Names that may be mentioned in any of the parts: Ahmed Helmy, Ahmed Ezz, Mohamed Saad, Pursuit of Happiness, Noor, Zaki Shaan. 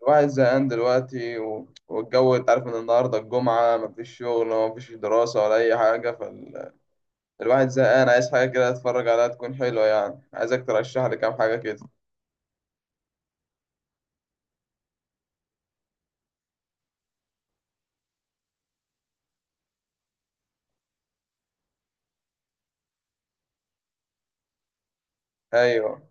الواحد زهقان دلوقتي، و- والجو. انت عارف ان النهارده الجمعة مفيش شغل ومفيش دراسة ولا أي حاجة. فالواحد زهقان، عايز حاجة كده أتفرج عليها تكون حلوة. يعني عايزك ترشح لي كام حاجة كده. أيوه،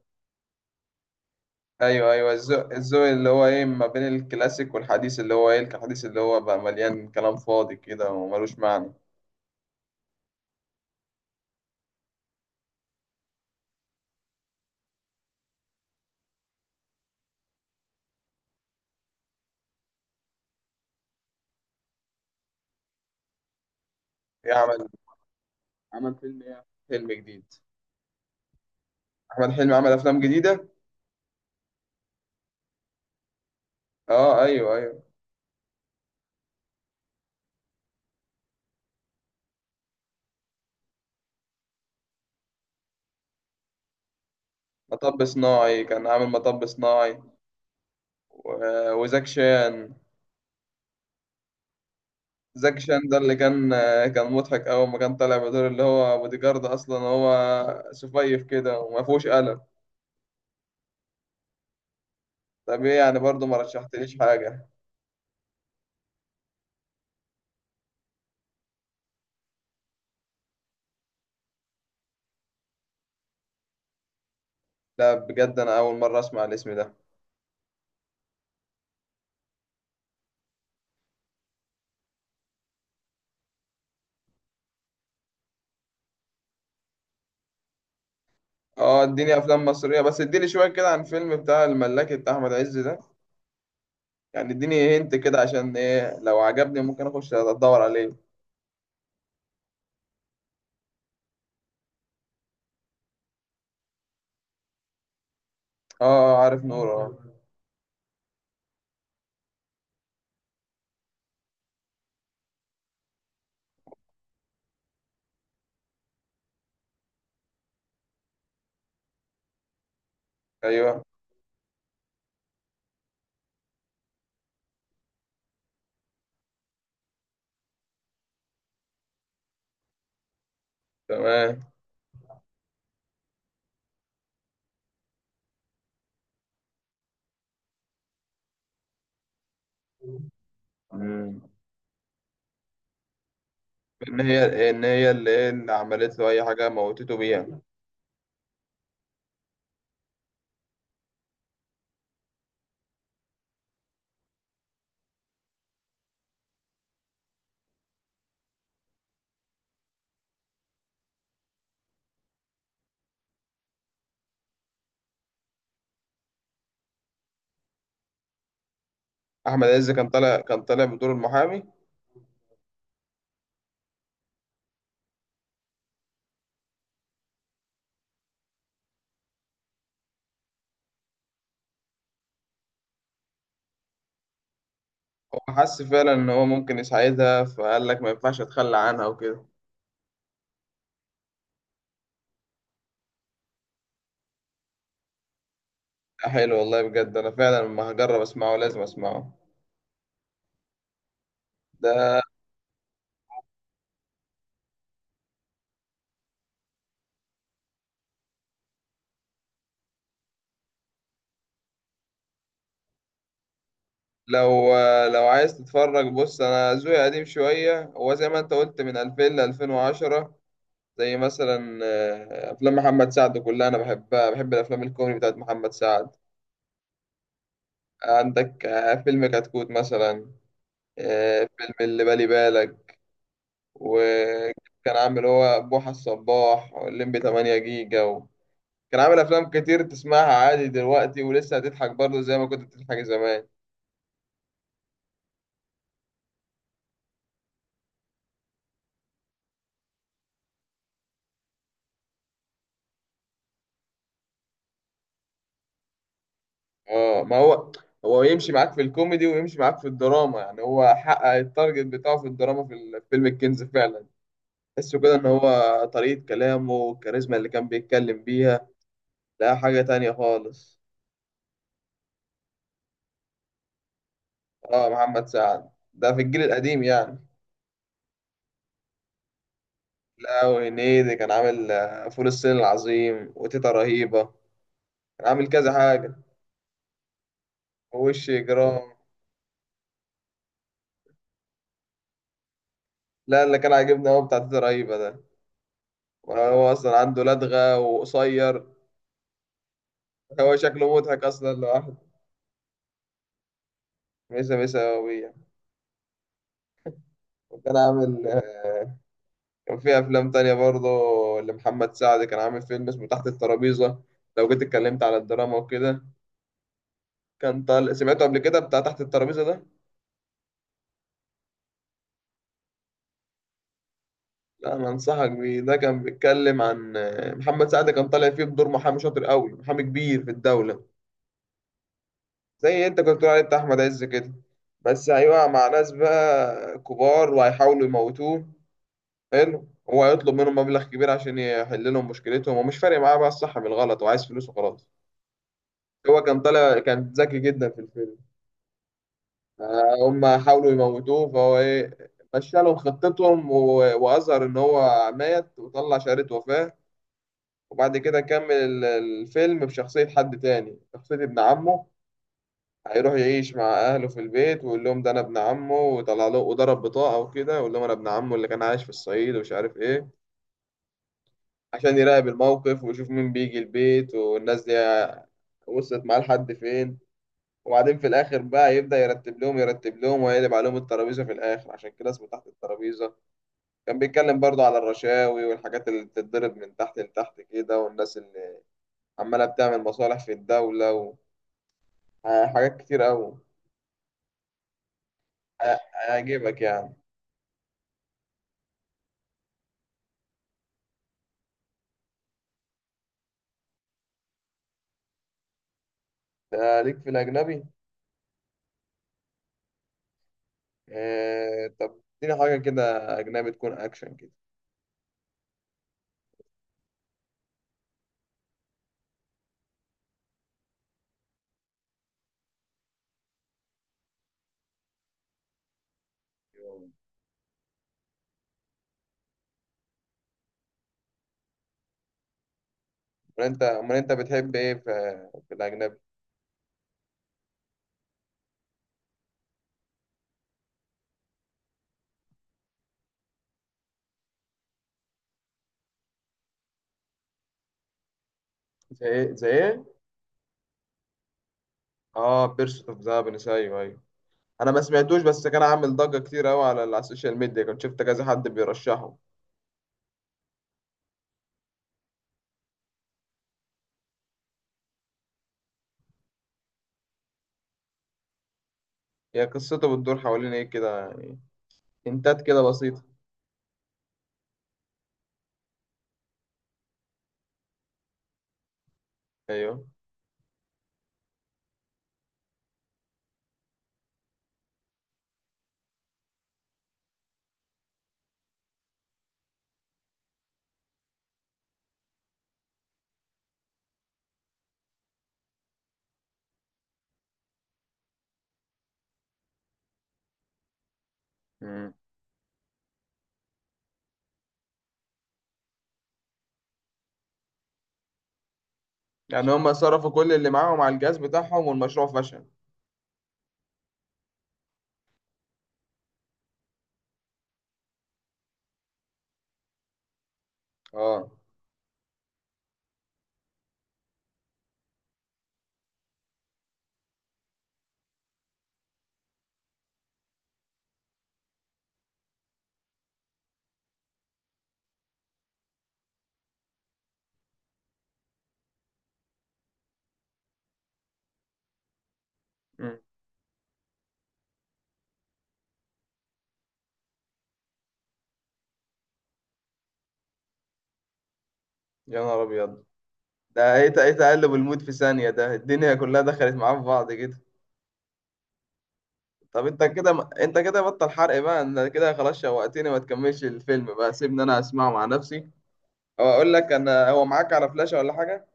أيوه، أيوه، الذوق اللي هو إيه، ما بين الكلاسيك والحديث، اللي هو إيه الحديث اللي هو بقى مليان كلام فاضي كده وملوش معنى. إيه عمل فيلم ايه؟ فيلم جديد؟ أحمد حلمي عمل أفلام جديدة؟ أه، أيوه أيوه. مطب صناعي، كان عامل مطب صناعي. و- وزاك شان زكي شان ده اللي كان مضحك أول ما كان طالع بدور اللي هو بودي جارد، أصلا هو سفيف كده وما فيهوش قلم. طب إيه يعني برضه ما رشحتليش حاجة. لا بجد، أنا أول مرة أسمع الاسم ده. أه، إديني أفلام مصرية بس، إديني شوية كده عن فيلم بتاع الملاكي بتاع أحمد عز ده. يعني إديني هنت كده، عشان إيه لو عجبني ممكن أخش أدور عليه. أه، عارف نور أه. أيوه، تمام. مم. إن هي اللي إيه، اللي عملت له أي حاجة موتته بيها. احمد عز كان طالع، بدور المحامي. هو حس فعلا ان هو ممكن يساعدها فقال لك ما ينفعش اتخلى عنها وكده. حلو والله، بجد انا فعلا لما هجرب اسمعه لازم اسمعه. ده لو لو عايز تتفرج، بص انا ذوقي قديم شويه، هو زي ما انت قلت من 2000 ل 2010. زي مثلا افلام محمد سعد كلها انا بحبها، بحب الافلام الكوميدي بتاعت محمد سعد. عندك فيلم كتكوت مثلا، فيلم اللي بالي بالك، وكان عامل هو بوحة الصباح واللمبي 8 جيجا و... كان عامل أفلام كتير تسمعها عادي دلوقتي ولسه هتضحك برضه زي ما كنت بتضحك زمان. اه ما هو، هو يمشي معاك في الكوميدي ويمشي معاك في الدراما، يعني هو حقق التارجت بتاعه في الدراما في فيلم الكنز فعلا. تحسه كده ان هو طريقة كلامه والكاريزما اللي كان بيتكلم بيها لا حاجة تانية خالص. اه، محمد سعد ده في الجيل القديم يعني. لا وهنيدي كان عامل فول الصين العظيم وتيتا رهيبة، عامل كذا حاجة. ووش جرام. لا، اللي كان عاجبني هو بتاع تيتا رهيبة ده، هو أصلا عنده لدغة وقصير. هو شكله مضحك أصلا لوحده. ميسا ميسا وبيع. وكان عامل كان في أفلام تانية برضه لمحمد سعد. كان عامل فيلم اسمه تحت الترابيزة، لو جيت اتكلمت على الدراما وكده. كان طال سمعته قبل كده بتاع تحت الترابيزة ده؟ لا أنا أنصحك بيه، ده كان بيتكلم عن محمد سعد كان طالع فيه بدور محامي شاطر قوي، محامي كبير في الدولة. زي انت كنت بتقول عليه بتاع احمد عز كده. بس هيقع مع ناس بقى كبار وهيحاولوا يموتوه. حلو، هو هيطلب منهم مبلغ كبير عشان يحل لهم مشكلتهم، ومش فارق معاه بقى الصح من الغلط، وعايز فلوس وخلاص. هو كان طالع، كان ذكي جدا في الفيلم. هم حاولوا يموتوه فهو ايه، مشى لهم خطتهم و- واظهر ان هو مات وطلع شهادة وفاة. وبعد كده كمل الفيلم بشخصية حد تاني، شخصية ابن عمه. هيروح يعيش مع اهله في البيت ويقول لهم ده انا ابن عمه، ويطلع له وضرب بطاقه وكده ويقول لهم انا ابن عمه اللي كان عايش في الصعيد ومش عارف ايه، عشان يراقب الموقف ويشوف مين بيجي البيت والناس دي وصلت معاه لحد فين. وبعدين في الاخر بقى يبدا يرتب لهم ويقلب عليهم الترابيزه في الاخر، عشان كده اسمه تحت الترابيزه. كان بيتكلم برضه على الرشاوي والحاجات اللي بتتضرب من تحت لتحت كده، والناس اللي عماله بتعمل مصالح في الدوله، وحاجات كتير قوي. هيعجبك يعني. ده ليك في الاجنبي. آه طب اديني حاجة كده، أجنبي تكون أكشن كده. أمال أنت بتحب إيه في الأجنبي؟ زي ايه زي ايه؟ آه، بيرسوت أوف هابينس، أيوه أيوه. أنا ما سمعتوش، بس كان عامل ضجة كتير أوي على السوشيال ميديا، كنت شفت كذا حد بيرشحه. هي قصته بتدور حوالين إيه كده يعني؟ هنتات كده بسيطة. أيوه. مم. يعني هما صرفوا كل اللي معاهم على الجهاز بتاعهم والمشروع فشل. آه. مم. يا نهار أبيض. ده إيه إيه تقلب المود في ثانية، ده الدنيا كلها دخلت معاه في بعض كده. طب انت كده بطل حرق بقى، انت كده خلاص شوقتني. ما تكملش الفيلم بقى، سيبني انا اسمعه مع نفسي. او اقول لك، انا هو معاك على فلاشة ولا حاجة؟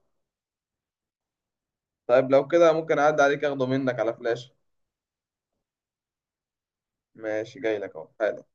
طيب لو كده ممكن اعدي عليك اخده منك على فلاشة. ماشي، جاي لك اهو حالا.